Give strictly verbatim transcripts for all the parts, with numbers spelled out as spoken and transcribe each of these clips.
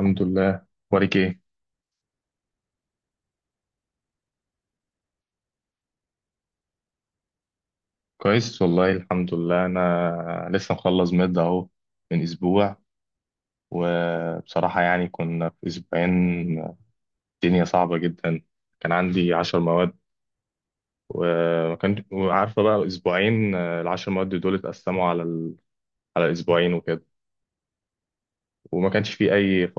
الحمد لله. واريك ايه؟ كويس، والله الحمد لله. انا لسه مخلص مد اهو من اسبوع. وبصراحة يعني كنا في اسبوعين الدنيا صعبة جدا. كان عندي عشر مواد، وما كان وعارفة بقى اسبوعين. آه، العشر مواد دول اتقسموا على ال... على اسبوعين وكده. وما كانش في اي ف...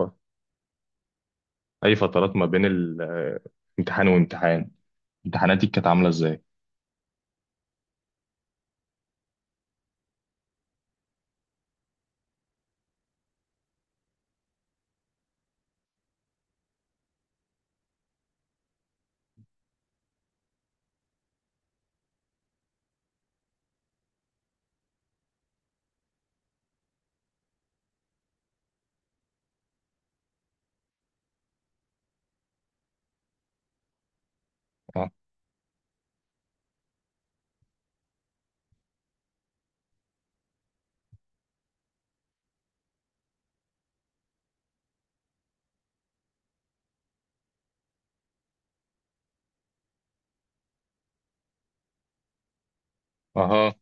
اي فترات ما بين ال- آه، امتحان وامتحان. امتحاناتي كانت عاملة ازاي؟ اه. اها.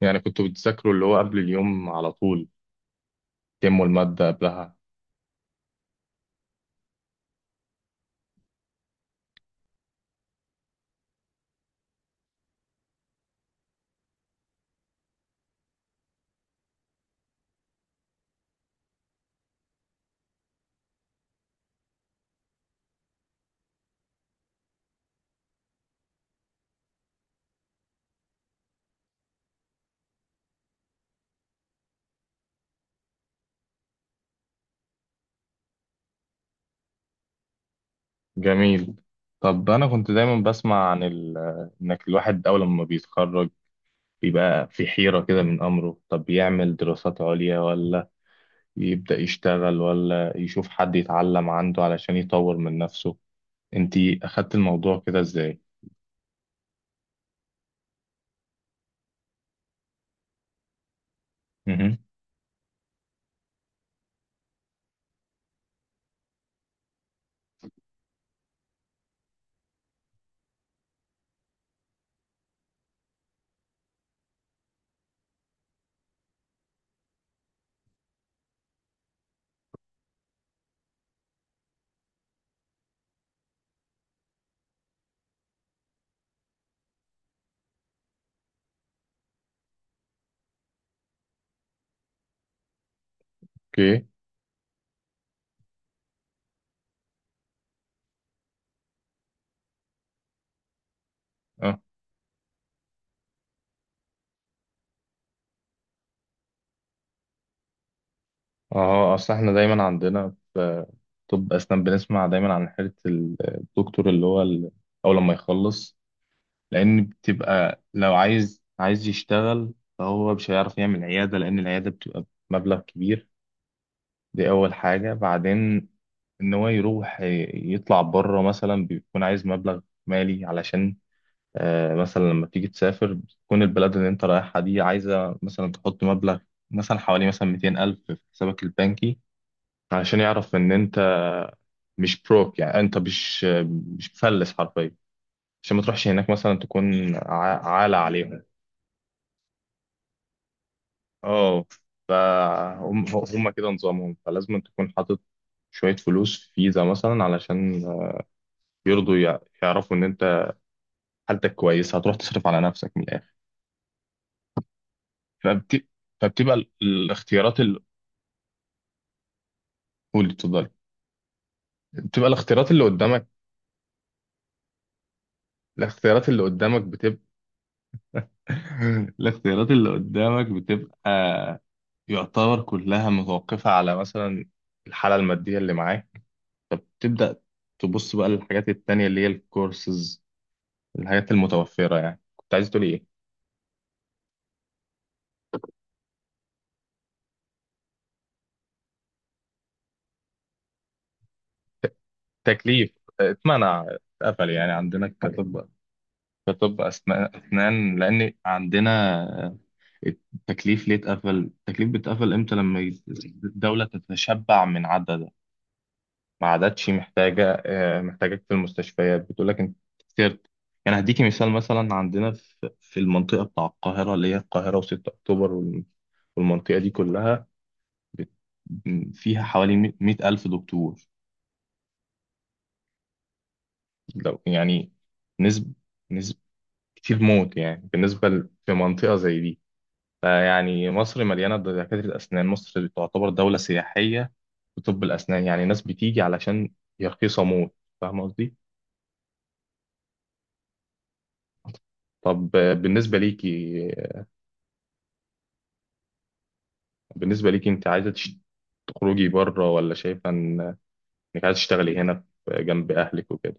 يعني كنتوا بتذاكروا اللي هو قبل اليوم على طول، تموا المادة قبلها؟ جميل. طب انا كنت دايما بسمع عن ال... انك الواحد اول ما بيتخرج بيبقى في حيرة كده من امره، طب يعمل دراسات عليا ولا يبدأ يشتغل ولا يشوف حد يتعلم عنده علشان يطور من نفسه. انتي اخدت الموضوع كده ازاي؟ مهم. اوكي. اه، اه، اصل احنا دايما عندنا في طب اسنان بنسمع دايما عن حيرة الدكتور اللي هو ال- اول ما يخلص. لان بتبقى لو عايز عايز يشتغل فهو مش هيعرف يعمل عياده، لان العياده بتبقى مبلغ كبير. دي اول حاجه. بعدين ان هو يروح يطلع بره مثلا بيكون عايز مبلغ مالي علشان، آه، مثلا لما تيجي تسافر بتكون البلد اللي انت رايحها دي عايزه مثلا تحط مبلغ، مثلا حوالي مثلا 200 ألف في حسابك البنكي، علشان يعرف ان انت مش بروك، يعني انت مش مش مفلس حرفيا، عشان ما تروحش هناك مثلا تكون ع- عالة عليهم. اه. فهم. هم كده نظامهم، فلازم تكون حاطط شوية فلوس في فيزا مثلا علشان يرضوا يع- يعرفوا إن أنت حالتك كويسة هتروح تصرف على نفسك من الآخر. فبت... فبتبقى ال- الاختيارات اللي، قولي اتفضلي. بتبقى الاختيارات اللي قدامك، الاختيارات اللي قدامك بتبقى. الاختيارات اللي قدامك بتبقى يعتبر كلها متوقفة على مثلا الحالة المادية اللي معاك. فبتبدأ تبص بقى للحاجات التانية اللي هي الكورسز، الحاجات المتوفرة. يعني كنت عايز تقولي إيه؟ تكليف، اتمنع، اتقفل، يعني عندنا كطب كطب أسنان أسنان لأن عندنا التكليف ليه اتقفل. التكليف بيتقفل إمتى لما ي- الدولة تتشبع من عددها، ما عادتش محتاجة آه، محتاجك في المستشفيات، بتقول لك أنت سرت. يعني هديكي مثال، مثلا عندنا في في المنطقة بتاع القاهرة اللي هي القاهرة وستة أكتوبر وال- والمنطقة دي كلها بت- فيها حوالي مئة ألف دكتور. لو يعني نسب نسب كتير موت يعني بالنسبة ل- في منطقة زي دي. فيعني مصر مليانة دكاترة أسنان، مصر تعتبر دولة سياحية في طب الأسنان، يعني ناس بتيجي علشان هي رخيصة موت. فاهم قصدي؟ طب آه، بالنسبة ليكي بالنسبة ليكي أنت عايزة تش- تخرجي بره، ولا شايفة إن- إنك عايزة تشتغلي هنا في- جنب أهلك وكده؟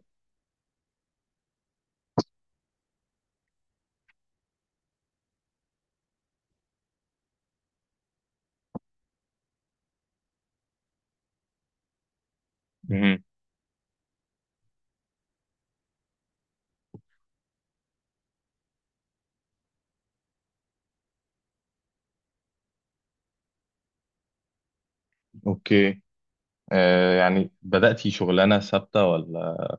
مهم. أوكي. آه يعني بدأتي شغلانة ثابتة ولا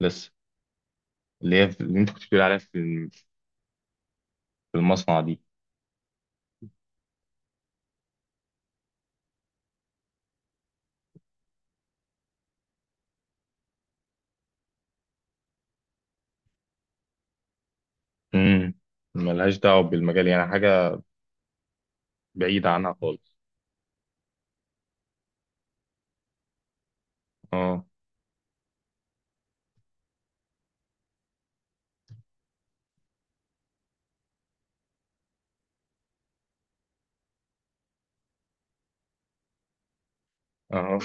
لسه؟ اللي هي في- اللي أنت كنت بتقولي عليها في في المصنع دي. امم ملهاش دعوة بالمجال، يعني حاجة بعيدة عنها خالص. اه، اه،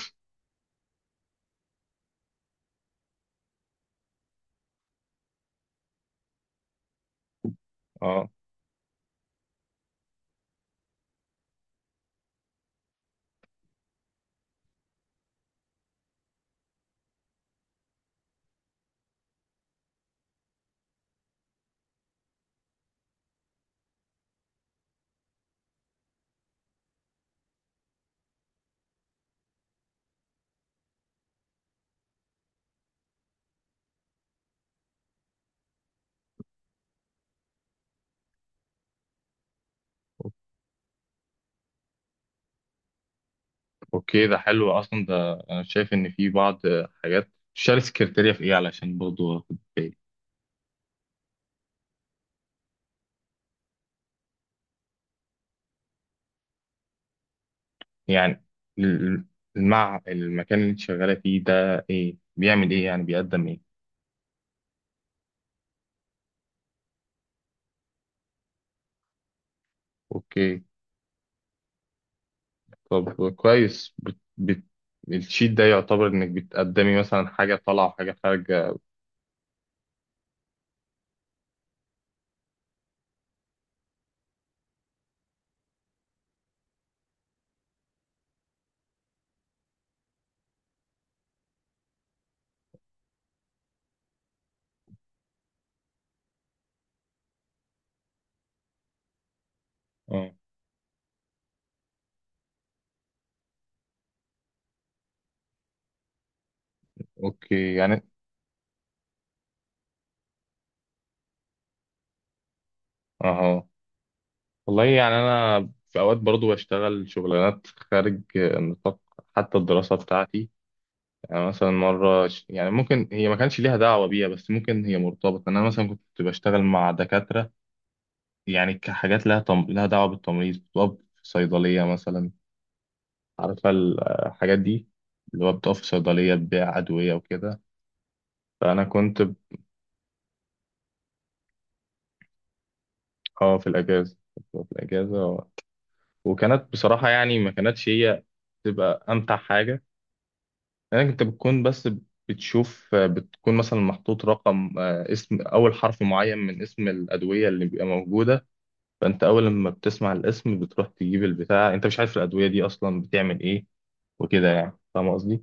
اه. اوكي، ده حلو اصلا، ده انا شايف ان في بعض حاجات شال سكرتيريا في ايه علشان برضه اخد بالي. يعني ال- المع المكان اللي انت شغالة فيه ده ايه، بيعمل ايه، يعني بيقدم ايه؟ اوكي. طب كويس. بت... بت... الشيت ده يعتبر انك بتقدمي مثلا حاجة طالعة وحاجة خارجة؟ اه. اوكي، يعني اهو. والله يعني أنا في أوقات برضو بشتغل شغلانات خارج نطاق حتى الدراسة بتاعتي. يعني مثلا مرة ش- يعني ممكن هي ما كانش ليها دعوة بيها، بس ممكن هي مرتبطة، أنا مثلا كنت بشتغل مع دكاترة. يعني كحاجات لها تم... لها دعوة بالتمريض، كنت بقف في صيدلية مثلا. عارفة الحاجات دي، اللي هو بتقف في صيدلية تبيع أدوية وكده. فأنا كنت ب- اه في الأجازة كنت بقف في الأجازة و... وكانت بصراحة يعني ما كانتش هي تبقى أمتع حاجة. يعني انت بتكون بس بتشوف، بتكون مثلا محطوط رقم آه، اسم اول حرف معين من اسم الادويه اللي بيبقى موجوده. فانت اول لما بتسمع الاسم بتروح تجيب البتاع، انت مش عارف الادويه دي اصلا بتعمل ايه وكده، يعني فاهم قصدي.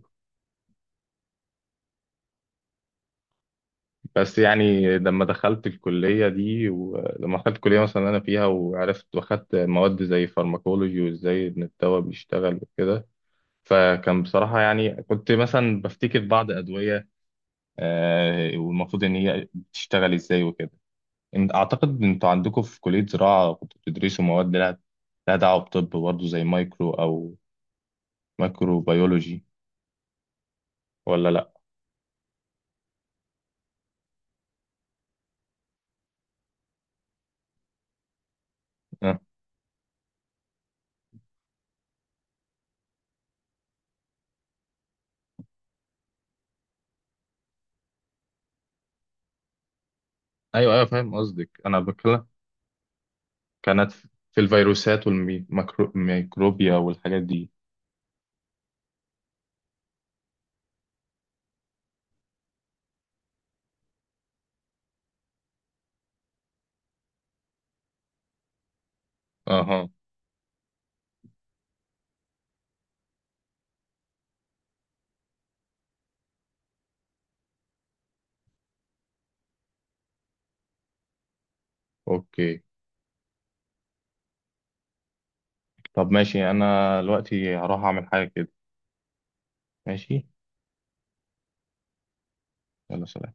بس يعني لما دخلت الكليه دي، ولما دخلت الكليه مثلا اللي انا فيها وعرفت واخدت مواد زي فارماكولوجي وازاي ان الدواء بيشتغل وكده، فكان بصراحه يعني كنت مثلا بفتكر بعض ادويه، آه، والمفروض ان هي بتشتغل ازاي وكده. إن- اعتقد انتوا عندكم في كلية زراعة كنتوا بتدرسوا مواد لها لها دعوة بطب برضه زي مايكرو او مايكرو بيولوجي، ولا لا؟ أه. ايوه، ايوه، فاهم قصدك. انا بتكلم، كانت في الفيروسات والميكروبيا والحاجات دي. اها. اوكي، طب ماشي، انا دلوقتي هروح اعمل حاجة كده، ماشي. يلا، سلام.